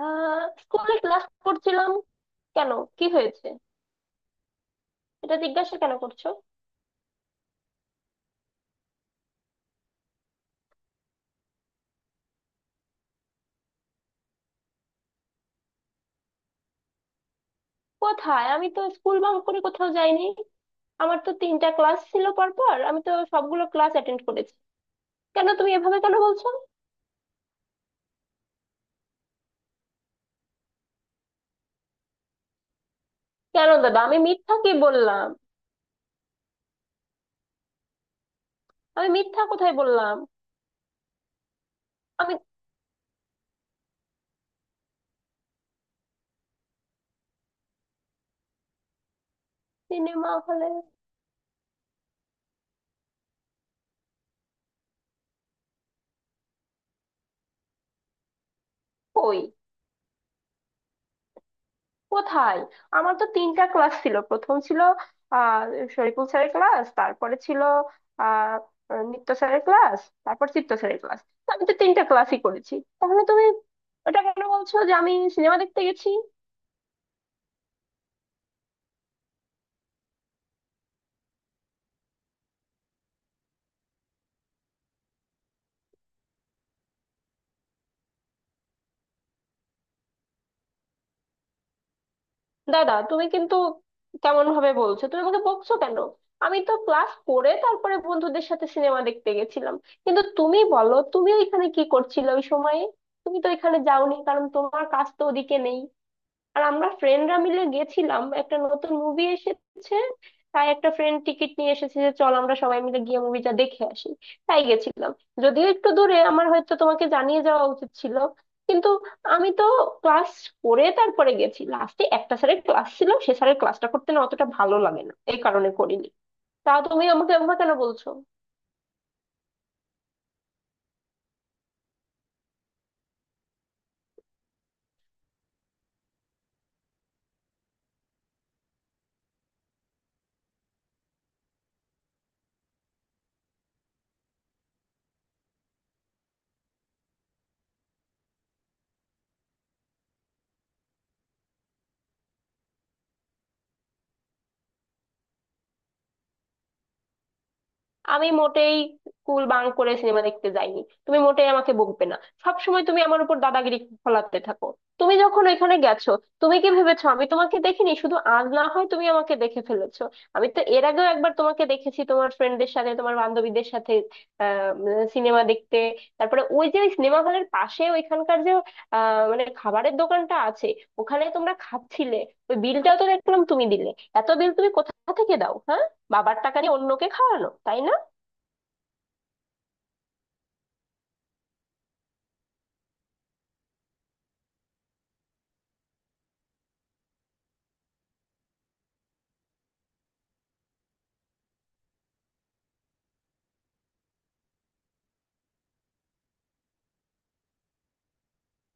স্কুলে ক্লাস করছিলাম। কেন, কি হয়েছে? এটা জিজ্ঞাসা কেন করছো? কোথায়? আমি তো স্কুল বাঙ্ক করে কোথাও যাইনি। আমার তো তিনটা ক্লাস ছিল পরপর, আমি তো সবগুলো ক্লাস অ্যাটেন্ড করেছি। কেন তুমি এভাবে কেন বলছো? কেন দাদা, আমি মিথ্যা কি বললাম? আমি মিথ্যা কোথায় বললাম? আমি সিনেমা হলে কই? কোথায়? আমার তো তিনটা ক্লাস ছিল, প্রথম ছিল আহ শরীফুল স্যারের ক্লাস, তারপরে ছিল আহ নৃত্য স্যারের ক্লাস, তারপর চিত্ত স্যারের ক্লাস। আমি তো তিনটা ক্লাসই করেছি। তাহলে তুমি ওটা কেন বলছো যে আমি সিনেমা দেখতে গেছি? দাদা তুমি কিন্তু কেমন ভাবে বলছো, তুমি আমাকে বকছো কেন? আমি তো ক্লাস করে তারপরে বন্ধুদের সাথে সিনেমা দেখতে গেছিলাম। কিন্তু তুমি বলো, তুমি ওইখানে কি করছিলে ওই সময়ে? তুমি তো এখানে যাওনি, কারণ তোমার কাজ তো ওদিকে নেই। আর আমরা ফ্রেন্ডরা মিলে গেছিলাম, একটা নতুন মুভি এসেছে, তাই একটা ফ্রেন্ড টিকিট নিয়ে এসেছে যে চল আমরা সবাই মিলে গিয়ে মুভিটা দেখে আসি। তাই গেছিলাম। যদিও একটু দূরে, আমার হয়তো তোমাকে জানিয়ে যাওয়া উচিত ছিল, কিন্তু আমি তো ক্লাস করে তারপরে গেছি। লাস্টে একটা স্যারের ক্লাস ছিল, সে স্যারের ক্লাসটা করতে না অতটা ভালো লাগে না, এই কারণে করিনি। তা তুমি আমাকে একবার কেন বলছো? আমি মোটেই স্কুল বাঙ্ক করে সিনেমা দেখতে যাইনি, তুমি মোটেই আমাকে বকবে না। সব সময় তুমি আমার উপর দাদাগিরি ফলাতে থাকো। তুমি যখন ওইখানে গেছো, তুমি কি ভেবেছো আমি তোমাকে দেখিনি? শুধু আজ না হয় তুমি আমাকে দেখে ফেলেছো, আমি তো এর আগেও একবার তোমাকে দেখেছি তোমার ফ্রেন্ডদের সাথে, তোমার বান্ধবীদের সাথে, মানে সিনেমা দেখতে। তারপরে ওই যে সিনেমা হলের পাশে ওইখানকার যে মানে খাবারের দোকানটা আছে, ওখানে তোমরা খাচ্ছিলে। ওই বিলটাও তো দেখলাম তুমি দিলে। এত বিল তুমি কোথা থেকে দাও, হ্যাঁ? বাবার টাকা নিয়ে অন্যকে খাওয়ানো, তাই না?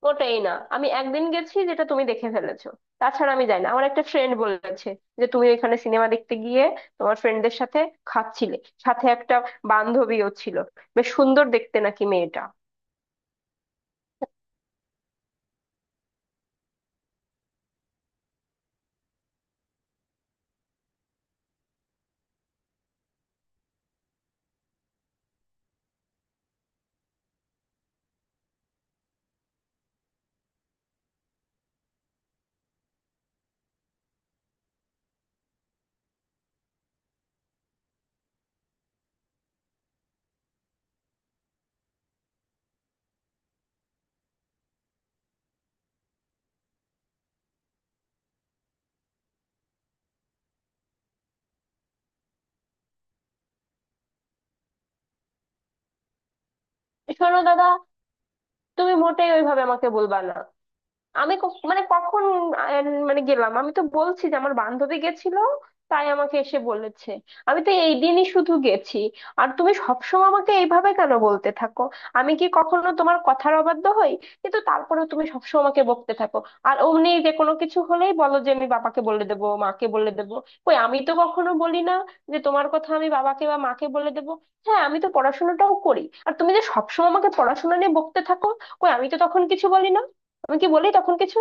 ওটাই, না আমি একদিন গেছি যেটা তুমি দেখে ফেলেছো। তাছাড়া আমি যাই না। আমার একটা ফ্রেন্ড বলেছে যে তুমি ওইখানে সিনেমা দেখতে গিয়ে তোমার ফ্রেন্ডদের সাথে খাচ্ছিলে, সাথে একটা বান্ধবীও ছিল, বেশ সুন্দর দেখতে নাকি মেয়েটা। শোনো দাদা, তুমি মোটেই ওইভাবে আমাকে বলবা না। আমি ক- মানে কখন আহ, মানে গেলাম? আমি তো বলছি যে আমার বান্ধবী গেছিল, তাই আমাকে এসে বলেছে। আমি তো এই দিনই শুধু গেছি। আর তুমি সবসময় আমাকে এইভাবে কেন বলতে থাকো? আমি কি কখনো তোমার কথার অবাধ্য হই? কিন্তু তারপরেও তুমি সবসময় আমাকে বকতে থাকো। আর অমনি যে কোনো কিছু হলেই বলো যে আমি বাবাকে বলে দেবো, মাকে বলে দেবো। কই, আমি তো কখনো বলি না যে তোমার কথা আমি বাবাকে বা মাকে বলে দেবো। হ্যাঁ আমি তো পড়াশোনাটাও করি। আর তুমি যে সবসময় আমাকে পড়াশোনা নিয়ে বকতে থাকো, কই আমি তো তখন কিছু বলি না। আমি কি বলি তখন কিছু?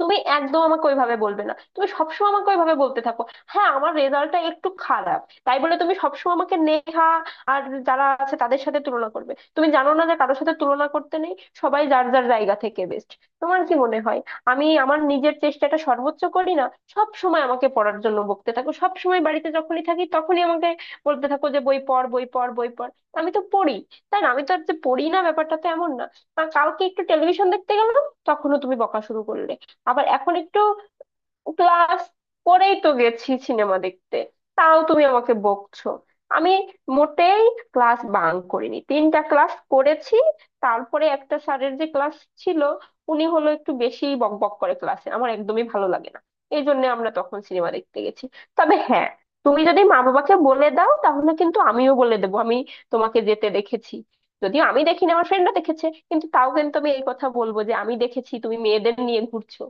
তুমি একদম আমাকে ওইভাবে বলবে না, তুমি সবসময় আমাকে ওইভাবে বলতে থাকো। হ্যাঁ আমার রেজাল্টটা একটু খারাপ, তাই বলে তুমি সবসময় আমাকে নেহা আর যারা আছে তাদের সাথে তুলনা করবে? তুমি জানো না যে কারোর সাথে তুলনা করতে নেই? সবাই যার যার জায়গা থেকে বেস্ট। তোমার কি মনে হয় আমি আমার নিজের চেষ্টাটা সর্বোচ্চ করি না? সব সময় আমাকে পড়ার জন্য বকতে থাকো, সব সময় বাড়িতে যখনই থাকি তখনই আমাকে বলতে থাকো যে বই পড়, বই পড়, বই পড়। আমি তো পড়ি, তাই না? আমি তো আর যে পড়ি না ব্যাপারটা তো এমন না। আর কালকে একটু টেলিভিশন দেখতে গেলাম, তখনও তুমি বকা শুরু করলে। আবার এখন একটু ক্লাস করেই তো গেছি সিনেমা দেখতে, তাও তুমি আমাকে বকছো। আমি মোটেই ক্লাস বাঙ্ক করিনি, তিনটা ক্লাস করেছি। তারপরে একটা স্যারের যে ক্লাস ছিল, উনি হলো একটু বেশি বক বক করে, ক্লাসে আমার একদমই ভালো লাগে না, এই জন্য আমরা তখন সিনেমা দেখতে গেছি। তবে হ্যাঁ, তুমি যদি মা বাবাকে বলে দাও তাহলে কিন্তু আমিও বলে দেবো, আমি তোমাকে যেতে দেখেছি। যদিও আমি দেখিনি, আমার ফ্রেন্ডরা দেখেছে, কিন্তু তাও কিন্তু আমি এই কথা বলবো যে আমি দেখেছি তুমি মেয়েদের নিয়ে ঘুরছো।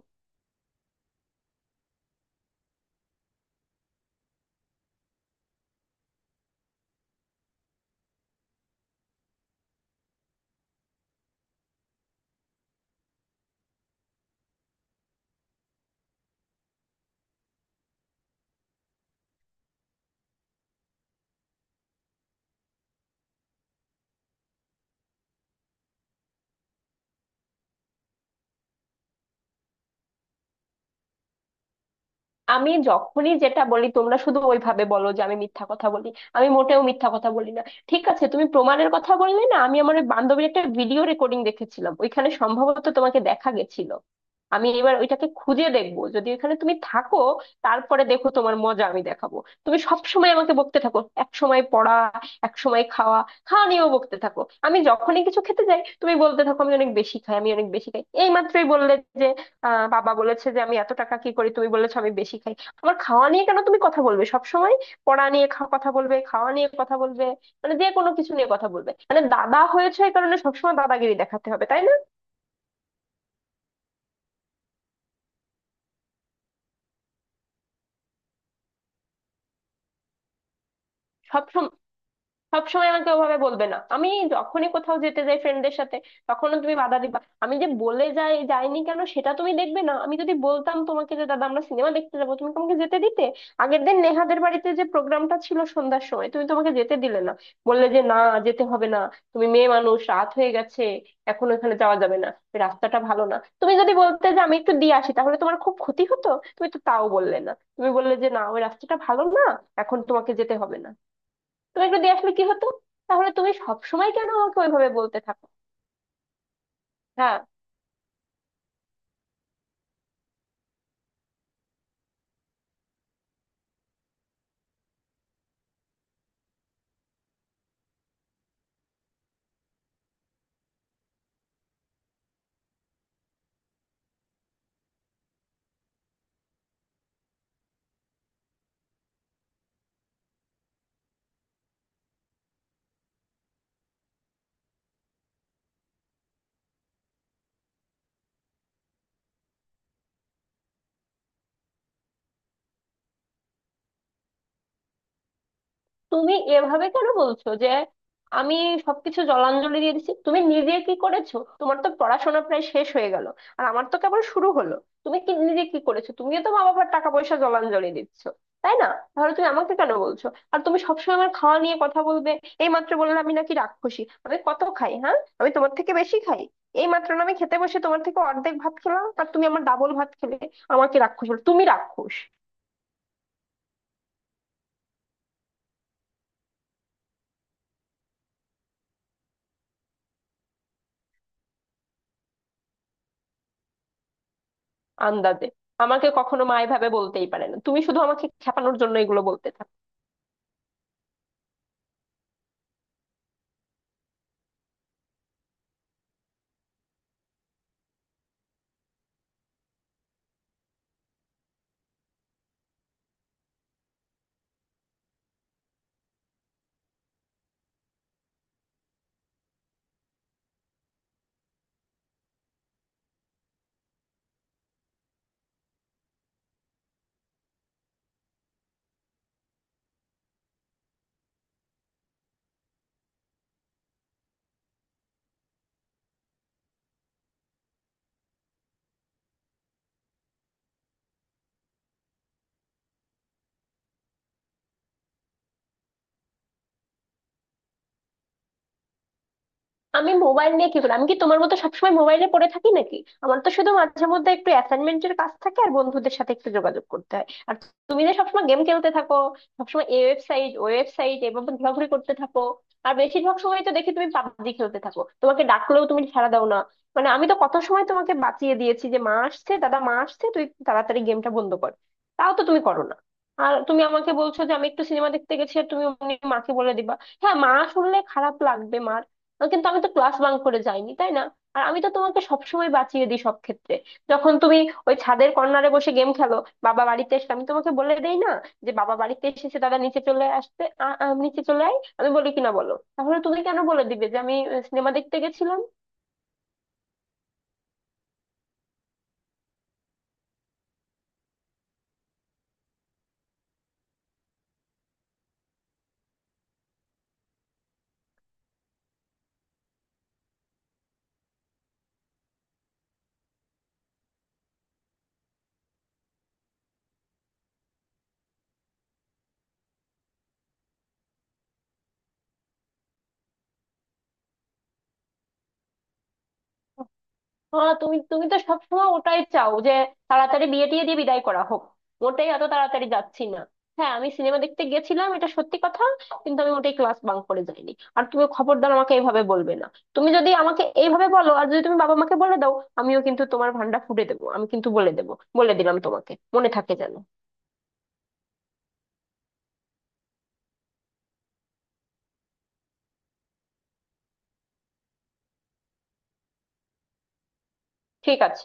আমি যখনই যেটা বলি তোমরা শুধু ওইভাবে বলো যে আমি মিথ্যা কথা বলি। আমি মোটেও মিথ্যা কথা বলি না। ঠিক আছে, তুমি প্রমাণের কথা বললে না, আমি আমার ওই বান্ধবীর একটা ভিডিও রেকর্ডিং দেখেছিলাম, ওইখানে সম্ভবত তোমাকে দেখা গেছিল। আমি এবার ওইটাকে খুঁজে দেখবো, যদি ওইখানে তুমি থাকো, তারপরে দেখো তোমার মজা আমি দেখাবো। তুমি সব সময় আমাকে বকতে থাকো, এক সময় পড়া, এক সময় খাওয়া, খাওয়া নিয়েও বকতে থাকো। আমি যখনই কিছু খেতে যাই তুমি বলতে থাকো আমি অনেক বেশি খাই, আমি অনেক বেশি খাই। এই মাত্রই বললে যে বাবা বলেছে যে আমি এত টাকা কি করি, তুমি বলেছো আমি বেশি খাই। আমার খাওয়া নিয়ে কেন তুমি কথা বলবে সব সময়? পড়া নিয়ে কথা বলবে, খাওয়া নিয়ে কথা বলবে, মানে যে কোনো কিছু নিয়ে কথা বলবে? মানে দাদা হয়েছে এই কারণে সবসময় দাদাগিরি দেখাতে হবে, তাই না? সব সবসময় আমাকে ওভাবে বলবে না। আমি যখনই কোথাও যেতে যাই ফ্রেন্ডদের সাথে তখনও তুমি বাধা দিবা। আমি যে বলে যাই যাইনি কেন সেটা তুমি দেখবে না? আমি যদি বলতাম তোমাকে যে দাদা আমরা সিনেমা দেখতে যাবো, তুমি কি আমাকে যেতে দিতে? আগের দিন নেহাদের বাড়িতে যে প্রোগ্রামটা ছিল সন্ধ্যার সময়, তুমি তোমাকে যেতে দিলে না, বললে যে না, যেতে হবে না, তুমি মেয়ে মানুষ, রাত হয়ে গেছে, এখন ওখানে যাওয়া যাবে না, রাস্তাটা ভালো না। তুমি যদি বলতে যে আমি একটু দিয়ে আসি, তাহলে তোমার খুব ক্ষতি হতো? তুমি তো তাও বললে না, তুমি বললে যে না, ওই রাস্তাটা ভালো না, এখন তোমাকে যেতে হবে না। তুমি একটু দিয়ে আসলে কি হতো? তাহলে তুমি সব সময় কেন আমাকে ওইভাবে বলতে থাকো? না, তুমি এভাবে কেন বলছো যে আমি সবকিছু জলাঞ্জলি দিয়ে দিচ্ছি? তুমি নিজে কি করেছো? তোমার তো পড়াশোনা প্রায় শেষ হয়ে গেল, আর আমার তো কেবল শুরু হলো। তুমি কি নিজে কি করেছো? তুমিও তো মা বাবার টাকা পয়সা জলাঞ্জলি দিচ্ছ, তাই না? তাহলে তুমি আমাকে কেন বলছো? আর তুমি সবসময় আমার খাওয়া নিয়ে কথা বলবে? এই মাত্র বললে আমি নাকি রাক্ষসী, আমি কত খাই। হ্যাঁ আমি তোমার থেকে বেশি খাই? এই মাত্র না আমি খেতে বসে তোমার থেকে অর্ধেক ভাত খেলাম, আর তুমি আমার ডাবল ভাত খেলে। আমাকে রাক্ষস বলে, তুমি রাক্ষস। আন্দাজে আমাকে কখনো মা এভাবে বলতেই পারে না, তুমি শুধু আমাকে খেপানোর জন্য এগুলো বলতে থাকো। আমি মোবাইল নিয়ে কি করি? আমি কি তোমার মতো সবসময় মোবাইলে পড়ে থাকি নাকি? আমার তো শুধু মাঝে মধ্যে একটু অ্যাসাইনমেন্টের কাজ থাকে আর বন্ধুদের সাথে একটু যোগাযোগ করতে হয়। আর তুমি যে সবসময় গেম খেলতে থাকো, সবসময় এই ওয়েবসাইট ওই ওয়েবসাইট এভাবে ঘোরাঘুরি করতে থাকো। আর বেশিরভাগ সময় তো দেখি তুমি পাবজি খেলতে থাকো, তোমাকে ডাকলেও তুমি সাড়া দাও না। মানে আমি তো কত সময় তোমাকে বাঁচিয়ে দিয়েছি যে মা আসছে, দাদা মা আসছে, তুই তাড়াতাড়ি গেমটা বন্ধ কর। তাও তো তুমি করো না। আর তুমি আমাকে বলছো যে আমি একটু সিনেমা দেখতে গেছি, আর তুমি অমনি মাকে বলে দিবা? হ্যাঁ মা শুনলে খারাপ লাগবে মার, কিন্তু আমি তো ক্লাস বাঙ্ক করে যাইনি, তাই না? আর আমি তো তোমাকে সবসময় বাঁচিয়ে দিই সব ক্ষেত্রে, যখন তুমি ওই ছাদের কর্নারে বসে গেম খেলো, বাবা বাড়িতে এসে আমি তোমাকে বলে দেই না যে বাবা বাড়িতে এসেছে, দাদা নিচে চলে আসতে, নিচে চলে আয়। আমি বলি কিনা বলো? তাহলে তুমি কেন বলে দিবে যে আমি সিনেমা দেখতে গেছিলাম? হ্যাঁ, তুমি তুমি তো সবসময় ওটাই চাও যে তাড়াতাড়ি বিয়ে টিয়ে দিয়ে বিদায় করা হোক। মোটেই এত তাড়াতাড়ি যাচ্ছি না। হ্যাঁ আমি সিনেমা দেখতে গেছিলাম এটা সত্যি কথা, কিন্তু আমি ওটাই ক্লাস বাঙ্ক করে যাইনি। আর তুমি খবরদার আমাকে এইভাবে বলবে না, তুমি যদি আমাকে এইভাবে বলো আর যদি তুমি বাবা মাকে বলে দাও, আমিও কিন্তু তোমার ভান্ডা ফুটে দেবো, আমি কিন্তু বলে দেবো। বলে দিলাম তোমাকে, মনে থাকে যেন। ঠিক আছে।